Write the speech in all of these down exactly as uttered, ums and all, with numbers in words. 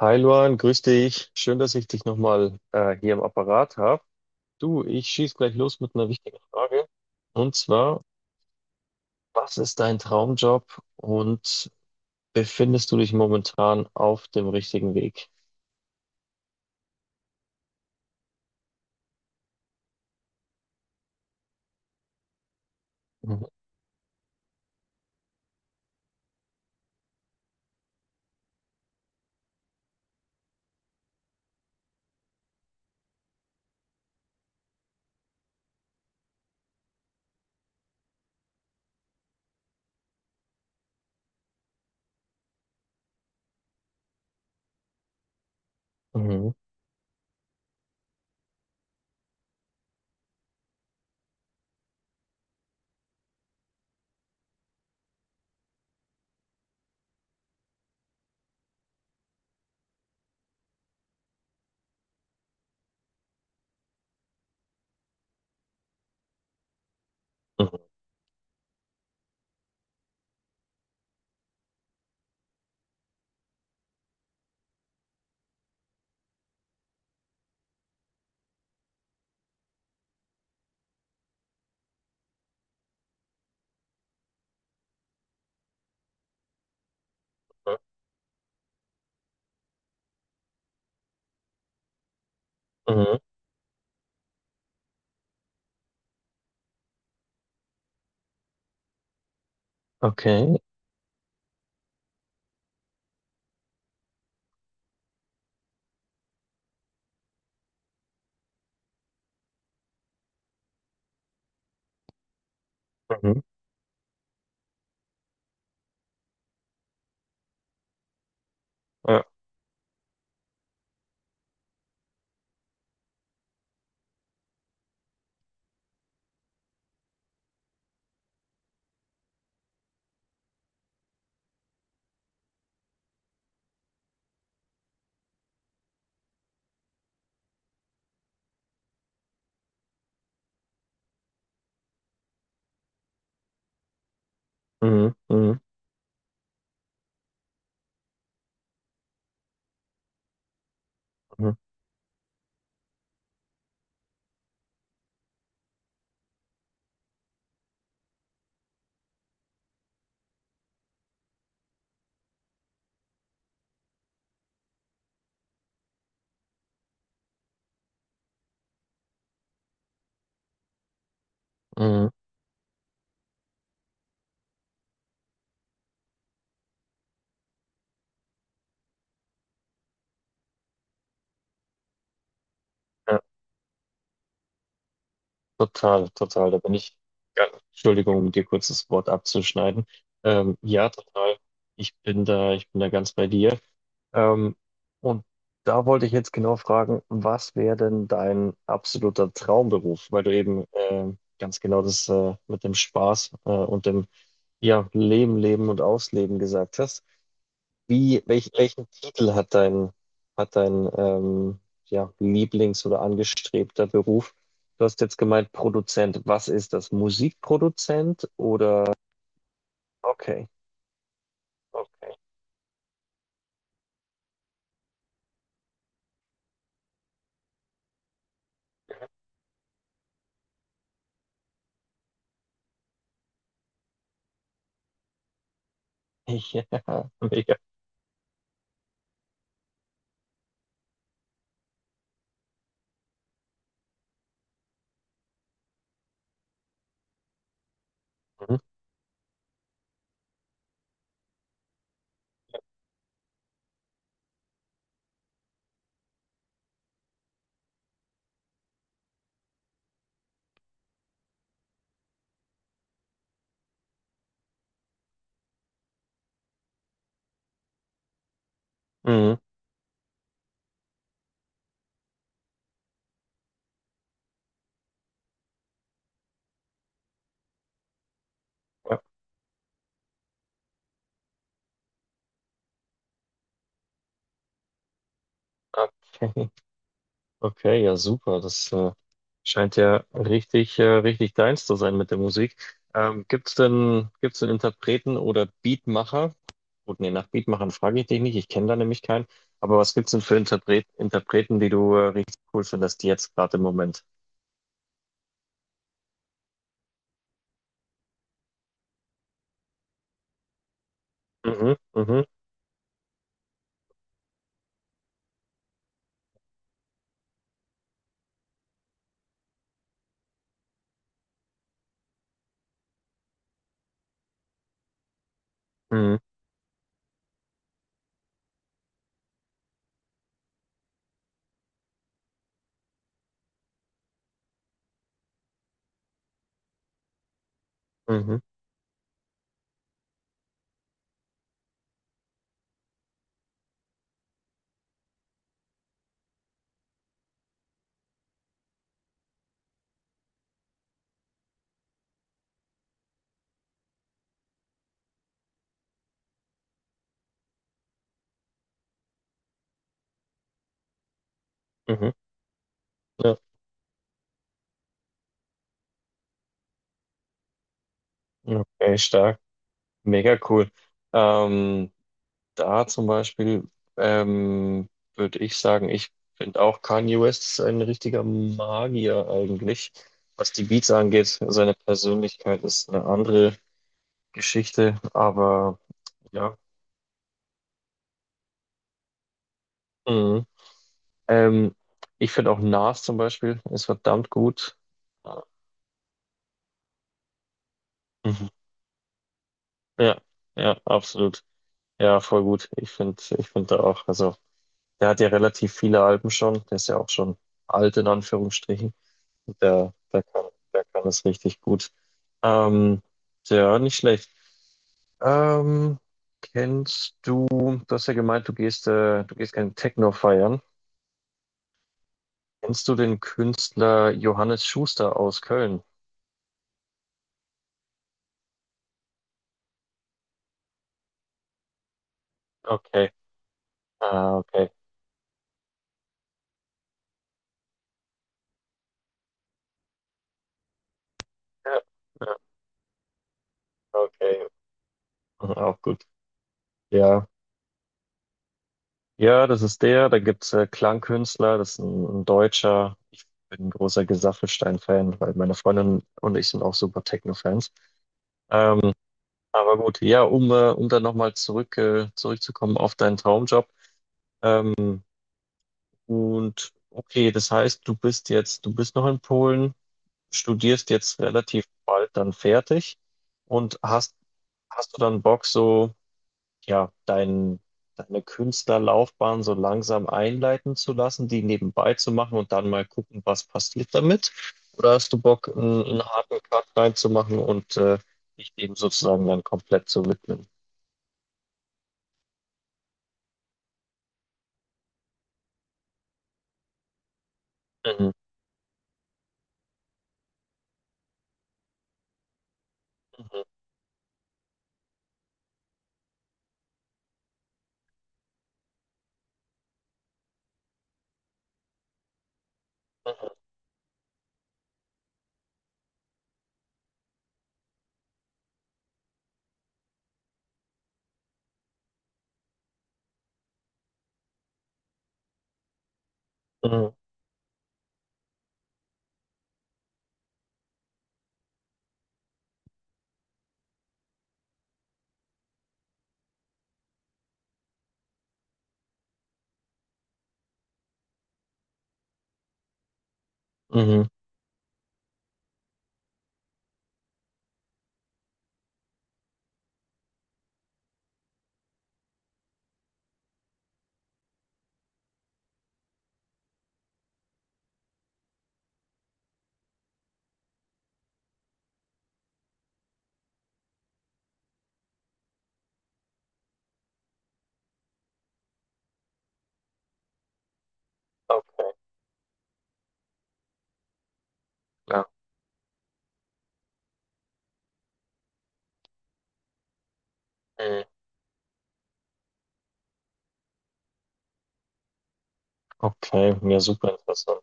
Hi Luan, grüß dich. Schön, dass ich dich nochmal äh, hier im Apparat habe. Du, ich schieß gleich los mit einer wichtigen Frage. Und zwar, was ist dein Traumjob und befindest du dich momentan auf dem richtigen Weg? Mhm. Mhm. Mhm. Mhm. Mhm. Okay. Mhm. Ja. Mhm. Mhm. Mhm. Mhm. Ja. Total, total. Da bin ich. Ja. Entschuldigung, um dir kurz das Wort abzuschneiden. Ähm, ja, total. Ich bin da, ich bin da ganz bei dir. Ähm, und da wollte ich jetzt genau fragen, was wäre denn dein absoluter Traumberuf? Weil du eben ähm, ganz genau das äh, mit dem Spaß äh, und dem ja, Leben, Leben und Ausleben gesagt hast. Wie, welch, welchen Titel hat dein, hat dein ähm, ja, Lieblings- oder angestrebter Beruf? Du hast jetzt gemeint Produzent. Was ist das? Musikproduzent oder? Okay, okay. Ja, mega. Mhm. Mhm. Ja, okay. Okay, ja, super. Das äh, scheint ja richtig, äh, richtig deins zu sein mit der Musik. Ähm, gibt's denn, gibt's denn Interpreten oder Beatmacher? Gut, nee, nach Beatmachern frage ich dich nicht. Ich kenne da nämlich keinen. Aber was gibt's denn für Interpret Interpreten, die du äh, richtig cool findest, jetzt gerade im Moment? Mhm, mhm, mhm, mhm, mhm. Ja, okay, stark. Mega cool. Ähm, da zum Beispiel ähm, würde ich sagen, ich finde auch Kanye West ist ein richtiger Magier eigentlich. Was die Beats angeht, seine Persönlichkeit ist eine andere Geschichte, aber ja. Mhm. Ähm, ich finde auch Nas zum Beispiel ist verdammt gut. Mhm. Ja, ja, absolut. Ja, voll gut. Ich finde, ich finde da auch, also der hat ja relativ viele Alben schon, der ist ja auch schon alt in Anführungsstrichen. Der, der kann, der kann es richtig gut. Ähm, ja, nicht schlecht. Ähm, kennst du, du hast ja gemeint, du gehst, äh, du gehst gerne Techno feiern. Kennst du den Künstler Johannes Schuster aus Köln? Okay. Ah, okay. Ja, ja, okay. Mhm, auch gut. Ja. Ja, das ist der. Da gibt's äh, Klangkünstler, das ist ein, ein Deutscher. Ich bin ein großer Gesaffelstein-Fan, weil meine Freundin und ich sind auch super Techno-Fans. Ähm, Aber gut, ja, um, äh, um dann nochmal zurück, äh, zurückzukommen auf deinen Traumjob. Und okay, das heißt, du bist jetzt, du bist noch in Polen, studierst jetzt relativ bald dann fertig und hast, hast du dann Bock, so, ja, dein, deine Künstlerlaufbahn so langsam einleiten zu lassen, die nebenbei zu machen und dann mal gucken, was passiert damit? Oder hast du Bock, einen, einen harten Cut reinzumachen und äh, dich dem sozusagen dann komplett zu widmen? Mhm. Mhm. Mhm. Mhm. Okay, klar. Mhm. Okay, ja, super interessant.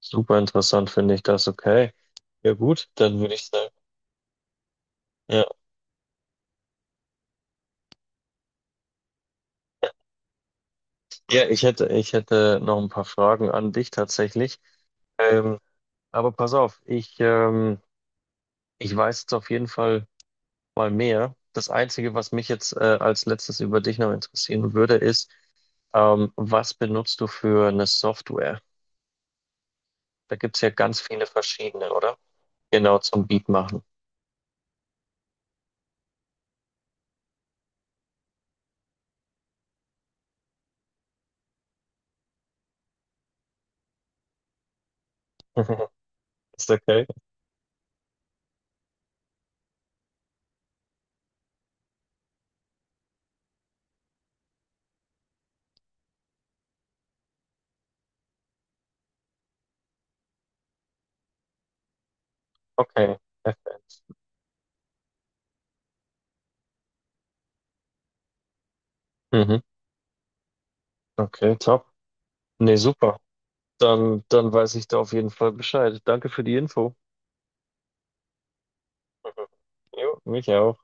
Super interessant finde ich das. Okay. Ja, gut, dann würde ich sagen. Ja. Ja, ich hätte, ich hätte noch ein paar Fragen an dich tatsächlich. Ähm, aber pass auf, ich, ähm, ich weiß jetzt auf jeden Fall mal mehr. Das Einzige, was mich jetzt äh, als letztes über dich noch interessieren würde, ist, ähm, was benutzt du für eine Software? Da gibt es ja ganz viele verschiedene, oder? Genau, zum Beat machen. Ist okay. Okay, F N s. Mhm. Okay, top. Nee, super. Dann, dann weiß ich da auf jeden Fall Bescheid. Danke für die Info. Mhm. Jo, mich auch.